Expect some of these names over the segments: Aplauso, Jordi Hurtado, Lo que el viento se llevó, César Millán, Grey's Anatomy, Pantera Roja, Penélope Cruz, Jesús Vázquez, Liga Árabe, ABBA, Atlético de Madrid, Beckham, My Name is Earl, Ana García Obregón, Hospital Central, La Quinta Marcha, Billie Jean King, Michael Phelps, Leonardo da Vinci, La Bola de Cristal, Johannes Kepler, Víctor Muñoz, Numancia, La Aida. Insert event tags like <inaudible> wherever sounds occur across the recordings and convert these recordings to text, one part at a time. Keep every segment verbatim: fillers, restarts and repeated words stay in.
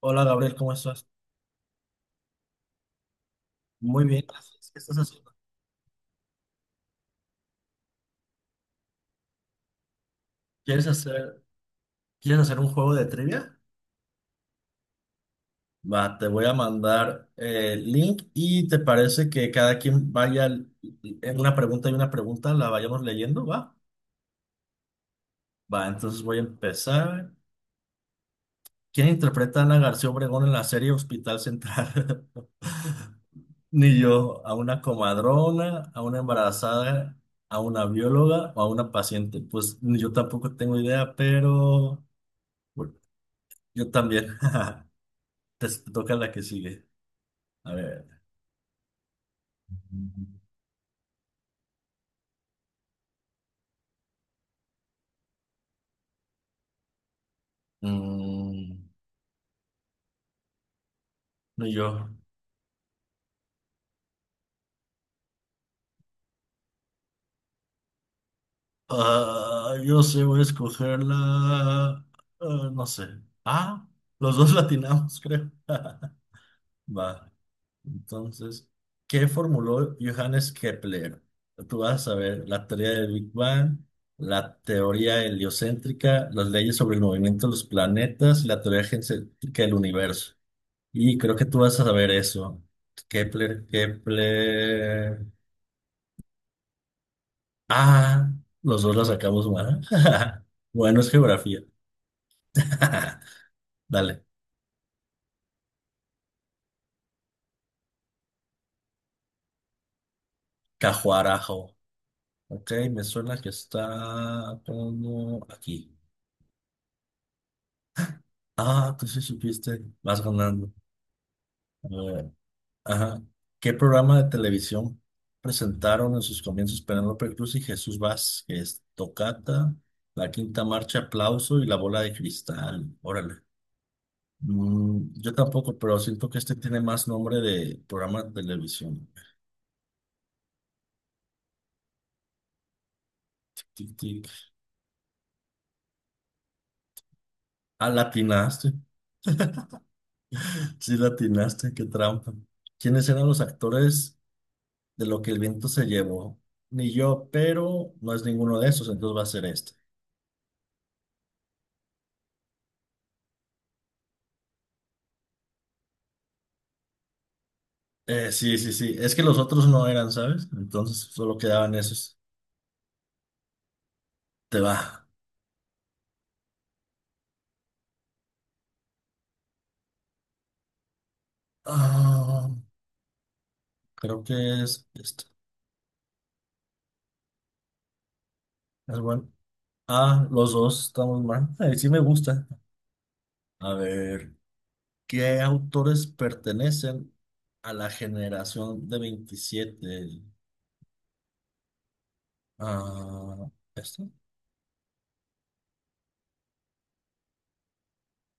Hola, Gabriel, ¿cómo estás? Muy bien, gracias. ¿Qué estás haciendo? ¿Quieres hacer, ¿Quieres hacer un juego de trivia? Va, te voy a mandar eh, el link y te parece que cada quien vaya l- en una pregunta y una pregunta, la vayamos leyendo, ¿va? Va, entonces voy a empezar. ¿Quién interpreta a Ana García Obregón en la serie Hospital Central? <laughs> Ni yo, a una comadrona, a una embarazada, a una bióloga o a una paciente. Pues ni yo tampoco tengo idea, pero bueno, yo también. <laughs> Te toca la que sigue. A ver. Mm, no yo. Ah, yo sé, voy a escoger la... ah, no sé. Ah, los dos latinamos, creo. <laughs> Va, entonces, ¿qué formuló Johannes Kepler? Tú vas a ver la teoría del Big Bang, la teoría heliocéntrica, las leyes sobre el movimiento de los planetas y la teoría geocéntrica del universo. Y creo que tú vas a saber eso. Kepler, Kepler. Ah, los dos la sacamos mal. <laughs> Bueno, es geografía. <laughs> Dale. Cajuarajo. Ok, me suena que está como aquí. Ah, tú sí supiste. Vas ganando. A ver, ajá. ¿Qué programa de televisión presentaron en sus comienzos Penélope Cruz y Jesús Vázquez? Tocata, La Quinta Marcha, Aplauso y La Bola de Cristal. Órale. Mm, yo tampoco, pero siento que este tiene más nombre de programa de televisión. Tic, tic. Ah, latinaste. <laughs> Sí, latinaste, qué trampa. ¿Quiénes eran los actores de lo que el viento se llevó? Ni yo, pero no es ninguno de esos, entonces va a ser este. Eh, sí, sí, sí. Es que los otros no eran, ¿sabes? Entonces solo quedaban esos. Te va. Ah, creo que es este. Es bueno. Ah, los dos estamos mal. Ay, sí me gusta. A ver. ¿Qué autores pertenecen a la generación de veintisiete? Ah, ¿esto?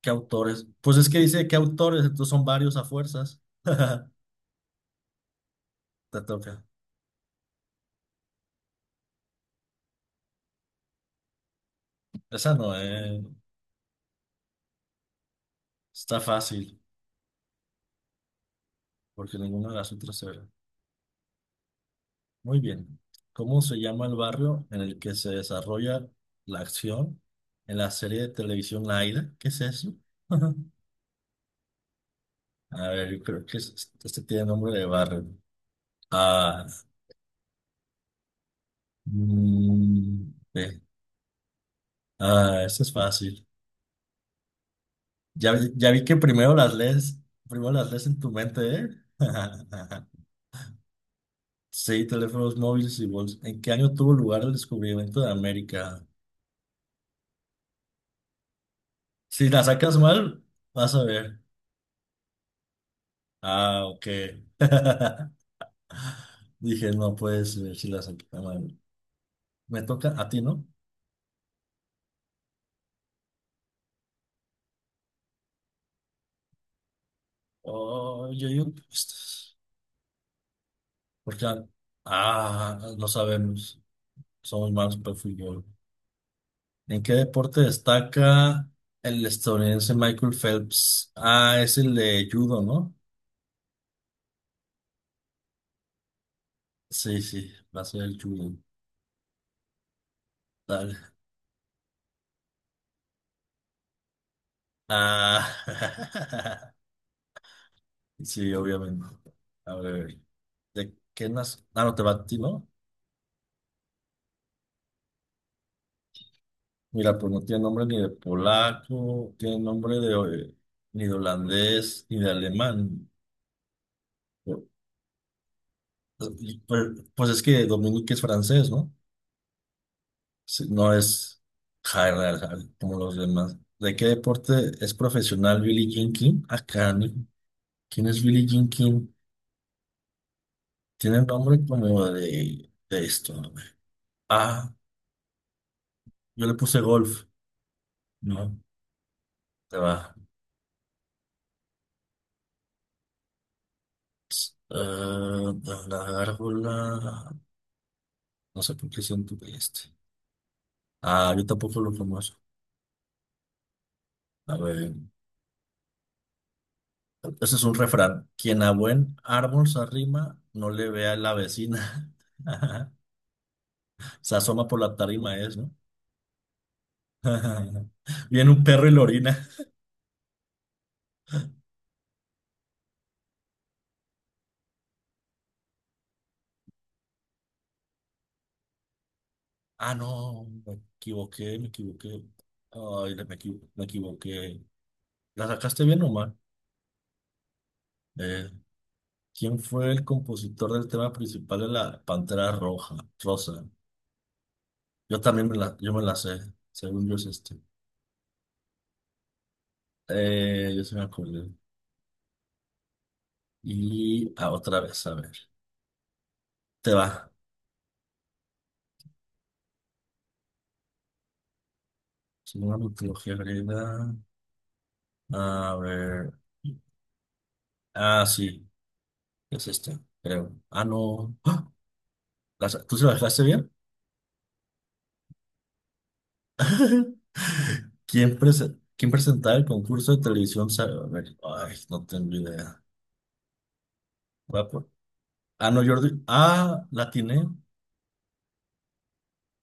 ¿Qué autores? Pues es que dice qué autores, entonces son varios a fuerzas. <laughs> Te toca. Esa no, eh. Está fácil, porque ninguna de las otras era. Muy bien. ¿Cómo se llama el barrio en el que se desarrolla la acción en la serie de televisión La Aida? ¿Qué es eso? <laughs> A ver, yo creo que es- este tiene nombre de barrio. Ah. Mm, ve. Ah, eso es fácil. Ya, vi- ya vi que primero las lees, primero las lees en tu mente, ¿eh? <laughs> Sí, teléfonos móviles y bolsas. ¿En qué año tuvo lugar el descubrimiento de América? Si la sacas mal, vas a ver. Ah, ok. <laughs> Dije, no puedes ver si la saqué mal. Me toca a ti, ¿no? Oh, yo digo, que estas- porque, ah, no sabemos. Somos malos para el fútbol. ¿En qué deporte destaca el estadounidense Michael Phelps? Ah, es el de judo, ¿no? Sí, sí, va a ser el judo. Dale. Ah, <laughs> sí, obviamente. A ver, ¿de qué nace? Ah, no te va a ti, ¿no? Mira, pues no tiene nombre ni de polaco, tiene nombre de eh, ni de holandés, ni de alemán. Pues, pues pues es que Dominique es francés, ¿no? Sí, no es hard, hard, hard, como los demás. ¿De qué deporte es profesional Billie Jean King? Acá, ¿no? ¿Quién es Billie Jean King? Tiene nombre como de, de esto. A ver. Ah, yo le puse golf. No, te va. Eh, la gárgola. No sé por qué siento que este. Ah, yo tampoco lo conozco. A ver. Ese es un refrán. Quien a buen árbol se arrima, no le vea la vecina. <laughs> Se asoma por la tarima, es, ¿no? <laughs> Viene un perro y lo orina. Ah, no, me equivoqué, me equivoqué. Ay, la- me equi- me equivoqué. ¿La sacaste bien o mal? Eh, ¿quién fue el compositor del tema principal de la Pantera Roja? Rosa. Yo también me la, yo me la sé, según yo es este. Eh, yo se me acordé. Y ah, otra vez, a ver. Te va. Según la mitología griega. A ver. Ah, sí, es esta, creo. Ah, no. ¡Ah! ¿La sa- ¿Tú se la dejaste bien? <laughs> ¿Quién, prese- quién presentaba el concurso de televisión? Sa- a ver, ay, no tengo idea. Voy a por- ah, no, Jordi. Ah, la atiné.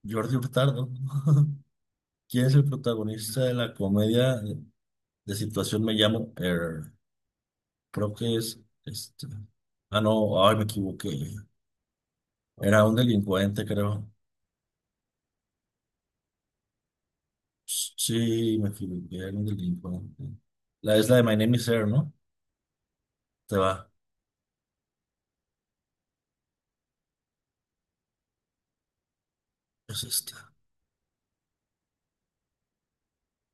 Jordi Hurtado. <laughs> ¿Quién es el protagonista de la comedia de situación Me llamo Er? Creo que es este. Ah, no, ay, me equivoqué. Era un delincuente, creo. Sí, me equivoqué, era un delincuente. La es la de My Name is Earl, ¿no? Te va. Es esta.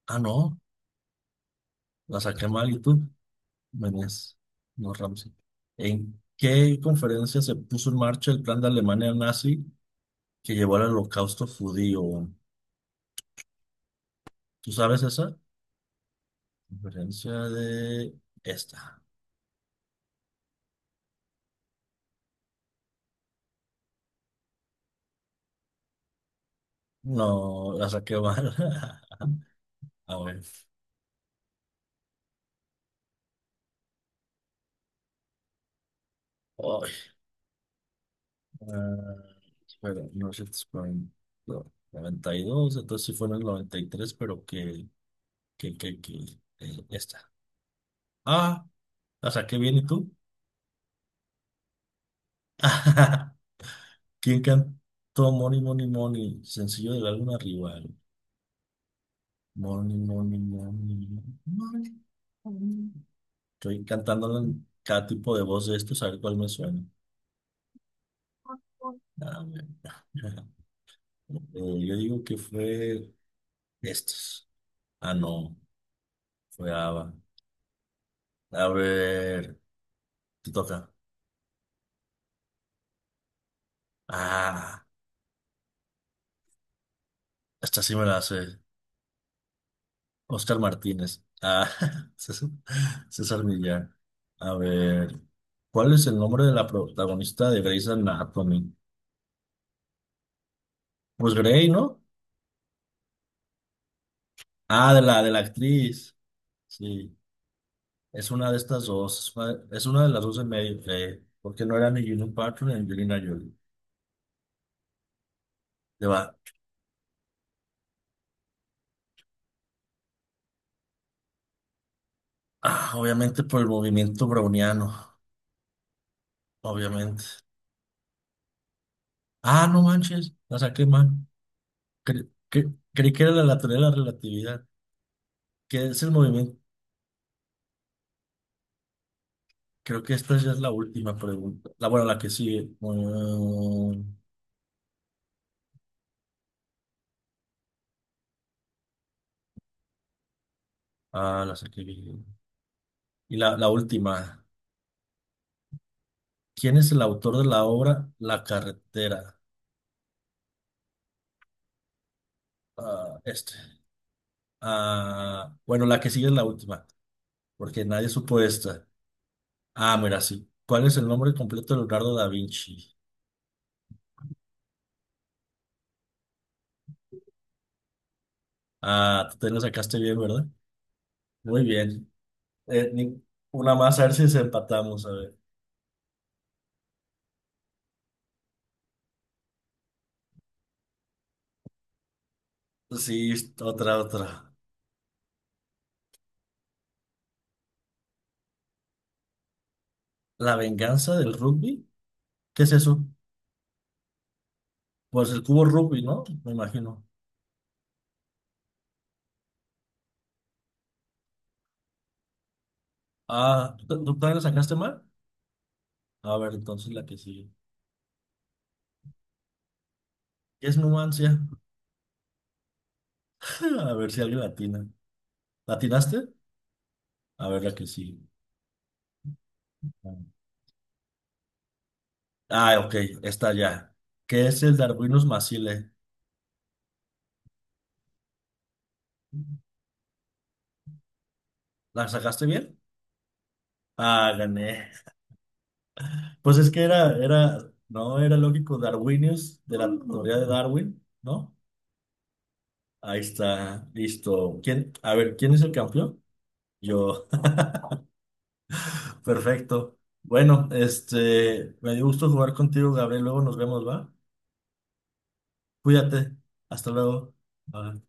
Ah, no, la saqué mal y tú. Buenas, no, Ramsey. ¿En qué conferencia se puso en marcha el plan de Alemania nazi que llevó al holocausto judío? ¿Tú sabes esa? Conferencia de esta. No, la saqué mal. <laughs> A ver. Ay, ah, espera, no sé, noventa y dos, entonces sí fue en el noventa y tres, pero que, que, que, que, eh, esta. Ah, la saqué bien, ¿y tú? <laughs> ¿Quién cantó Money, Money, Money? Sencillo del álbum Rival. Money, Money, Money, Money, Money. Estoy cantándolo en cada tipo de voz de estos, a ver cuál me suena. Ah, bueno. <laughs> Eh, yo digo que fue estos. Ah, no, fue ABBA. A ver, te toca. Ah, esta sí me la hace. Oscar Martínez. Ah, <laughs> César, César Millán. A ver, ¿cuál es el nombre de la protagonista de Grey's Anatomy? Pues Grey, ¿no? Ah, de la, de la actriz. Sí, es una de estas dos. Es una es una de las dos en medio, Grey. Porque no era ni Julian Patton ni Angelina Jolie. Le va. Ah, obviamente por el movimiento browniano. Obviamente. Ah, no manches. La saqué mal. Cre- cre- creí que era la lateral de la relatividad. ¿Qué es el movimiento? Creo que esta ya es la última pregunta. La, bueno, la que sigue. Mm, ah, la saqué bien. Y la, la última. ¿Quién es el autor de la obra La carretera? Ah, este. Ah, bueno, la que sigue es la última, porque nadie supo esta. Ah, mira, sí. ¿Cuál es el nombre completo de Leonardo da Vinci? Ah, tú te lo sacaste bien, ¿verdad? Muy bien. Eh, ni- una más, a ver si se empatamos, a ver. Sí, otra, otra. ¿La venganza del rugby? ¿Qué es eso? Pues el cubo rugby, ¿no? Me imagino. Ah, ¿tú, tú también lo sacaste mal? A ver, entonces la que sigue. ¿Qué es Numancia? <laughs> A ver si alguien latina. ¿Latinaste? A ver la que sigue. Ah, ok, está ya. ¿Qué es el Darwinus macile? ¿La sacaste bien? Ah, gané. Pues es que era, era, no era lógico Darwinius de la teoría de Darwin, ¿no? Ahí está, listo. ¿Quién? A ver, ¿quién es el campeón? Yo. <laughs> Perfecto. Bueno, este, me dio gusto jugar contigo, Gabriel. Luego nos vemos, ¿va? Cuídate. Hasta luego. Bye.